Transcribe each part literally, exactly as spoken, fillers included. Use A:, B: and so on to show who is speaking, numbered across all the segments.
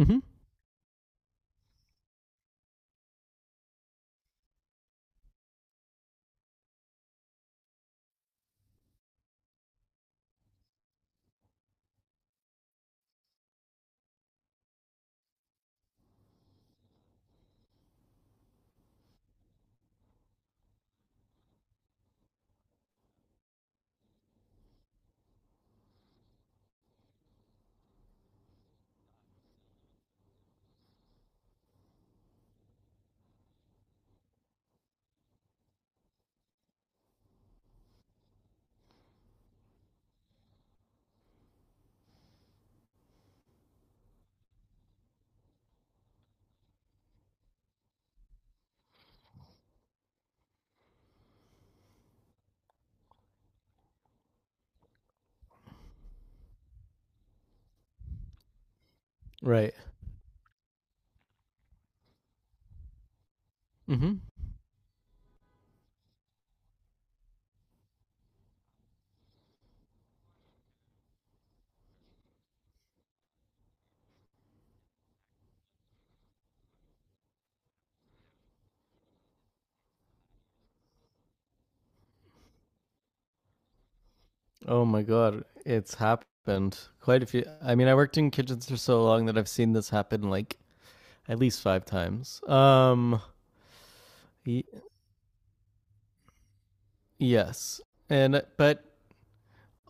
A: Mm-hmm. Right. Mm-hmm. Oh my god, it's happened quite a few. I mean, I worked in kitchens for so long that I've seen this happen like at least five times. Um, y- yes, and but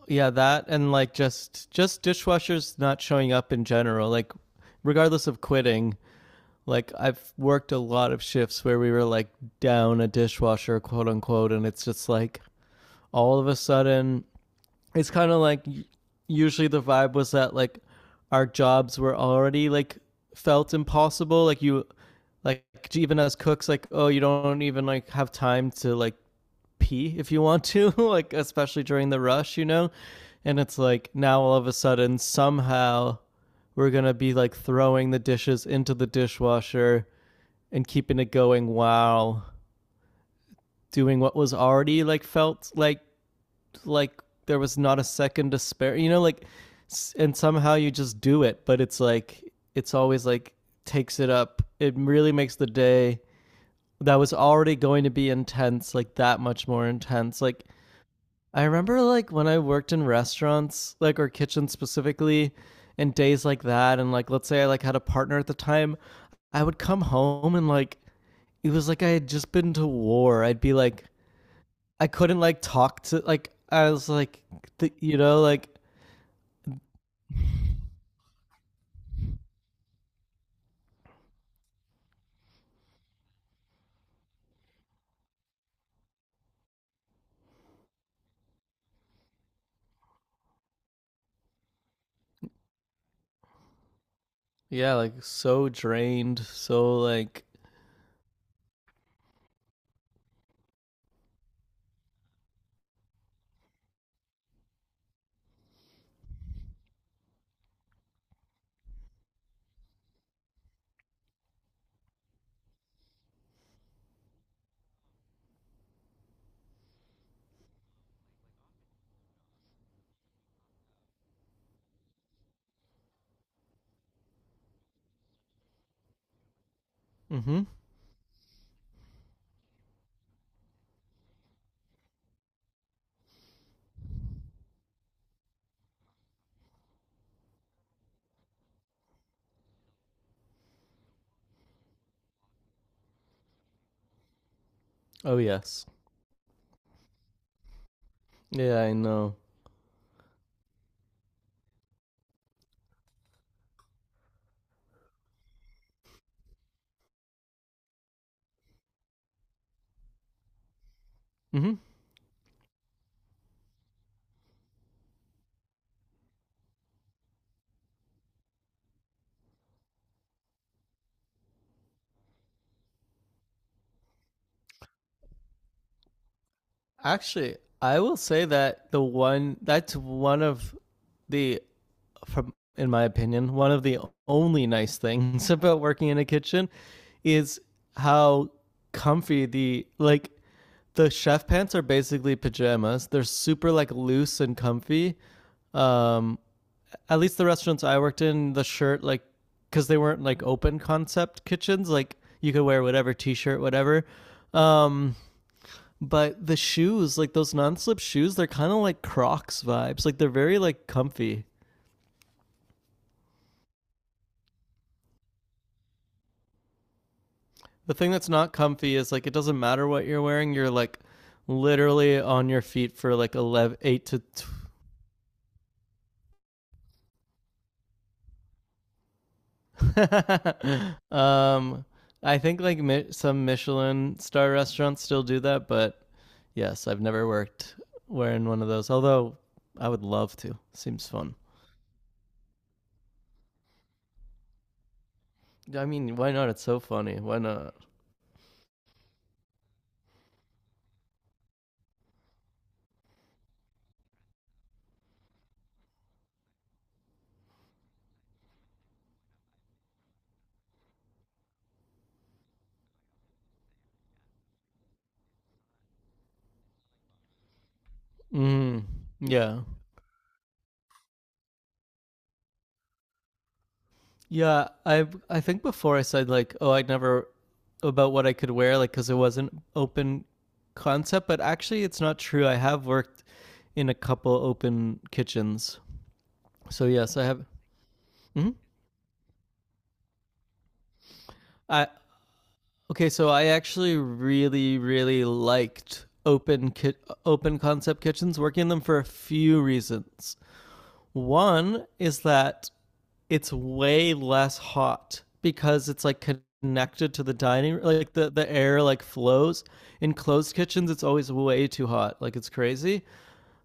A: yeah, that and like just just dishwashers not showing up in general, like regardless of quitting. Like I've worked a lot of shifts where we were like down a dishwasher, quote unquote, and it's just like all of a sudden it's kind of like usually the vibe was that like our jobs were already like felt impossible like you like even as cooks like oh you don't even like have time to like pee if you want to like especially during the rush you know And it's like now all of a sudden somehow we're going to be like throwing the dishes into the dishwasher and keeping it going while doing what was already like felt like like there was not a second to spare. You know, like, and somehow you just do it, but it's like it's always like takes it up. It really makes the day that was already going to be intense like that much more intense. Like I remember like when I worked in restaurants, like or kitchens specifically, and days like that and like let's say I like had a partner at the time, I would come home and like it was like I had just been to war. I'd be like I couldn't like talk to like I was like th- you know like yeah like so drained so like mm-hmm oh yes yeah I know mm-hmm actually I will say that the one that's one of the from in my opinion one of the only nice things about working in a kitchen is how comfy the like the chef pants are basically pajamas they're super like loose and comfy um at least the restaurants I worked in, the shirt like because they weren't like open concept kitchens, like you could wear whatever t-shirt, whatever. Um, but the shoes, like those non-slip shoes, they're kind of like Crocs vibes. Like they're very like comfy. The thing that's not comfy is like it doesn't matter what you're wearing. You're like literally on your feet for like eleven eight to um, I think like mi- some Michelin star restaurants still do that, but yes, I've never worked wearing one of those. Although I would love to. Seems fun. I mean, why not? It's so funny. Why not? Mm, yeah, yeah. I I think before I said like, oh, I'd never about what I could wear, like, because it wasn't open concept. But actually, it's not true. I have worked in a couple open kitchens. So yes, I have. Mhm. I Okay, so I actually really, really liked open ki- open concept kitchens, working in them for a few reasons. One is that it's way less hot because it's like connected to the dining like the, the air like flows in closed kitchens it's always way too hot like it's crazy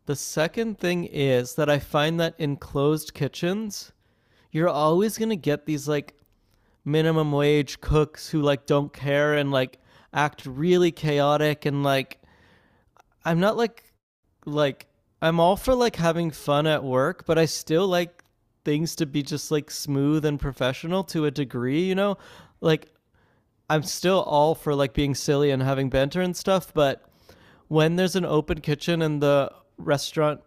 A: the second thing is that I find that in closed kitchens you're always going to get these like minimum wage cooks who like don't care and like act really chaotic and like I'm not like like I'm all for like having fun at work, but I still like things to be just like smooth and professional to a degree, you know? Like I'm still all for like being silly and having banter and stuff, but when there's an open kitchen and the restaurant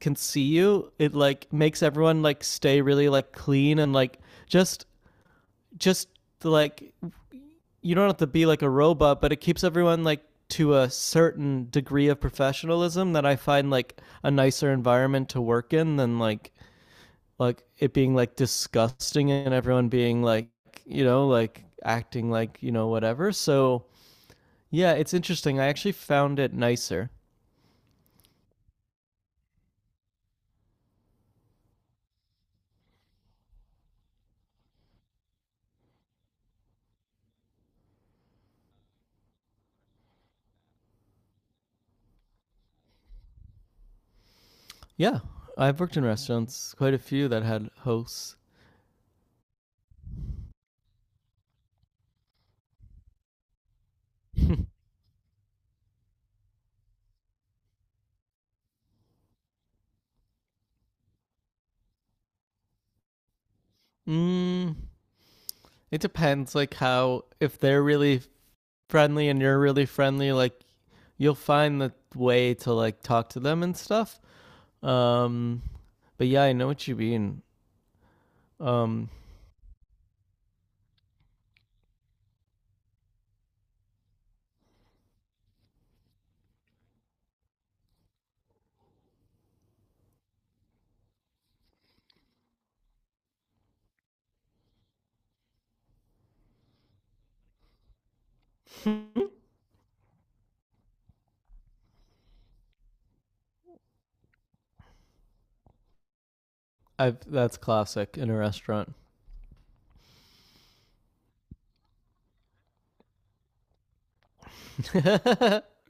A: can see you, it like makes everyone like stay really like clean and like just just like you don't have to be like a robot, but it keeps everyone like to a certain degree of professionalism that I find like a nicer environment to work in than like like it being like disgusting and everyone being like you know like acting like you know whatever. So yeah, it's interesting. I actually found it nicer. Yeah, I've worked in restaurants, quite a few that had hosts. mm, it depends, like how if they're really friendly and you're really friendly, like you'll find the way to like talk to them and stuff. Um, but yeah, I know what you mean. Um, I've, that's classic in a restaurant.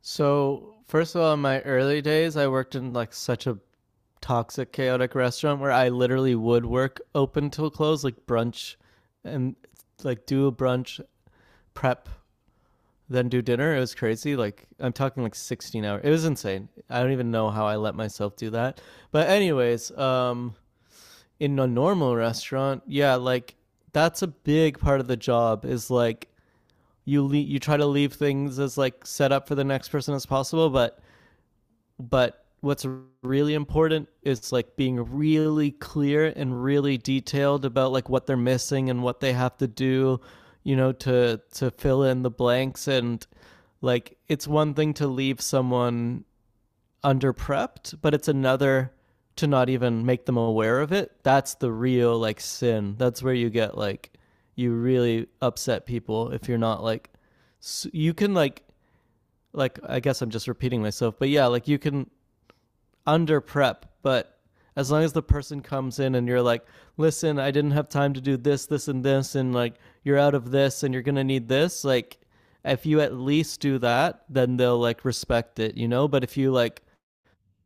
A: So first of all, in my early days, I worked in like such a toxic, chaotic restaurant where I literally would work open till close, like brunch, and like do a brunch prep then do dinner. It was crazy. Like I'm talking like sixteen hours. It was insane. I don't even know how I let myself do that. But anyways, um in a normal restaurant, yeah, like that's a big part of the job is like you le- you try to leave things as like set up for the next person as possible, but but what's really important is like being really clear and really detailed about like what they're missing and what they have to do, you know, to to fill in the blanks and like it's one thing to leave someone under prepped, but it's another to not even make them aware of it. That's the real like sin. That's where you get like you really upset people if you're not like you can like like I guess I'm just repeating myself, but yeah, like you can under prep, but as long as the person comes in and you're like, listen, I didn't have time to do this, this, and this, and like you're out of this and you're gonna need this, like if you at least do that, then they'll like respect it, you know? But if you like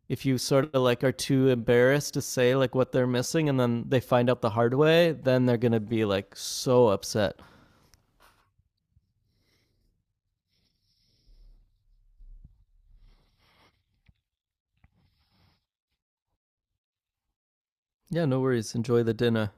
A: if you sort of like are too embarrassed to say like what they're missing and then they find out the hard way, then they're gonna be like so upset. Yeah, no worries. Enjoy the dinner.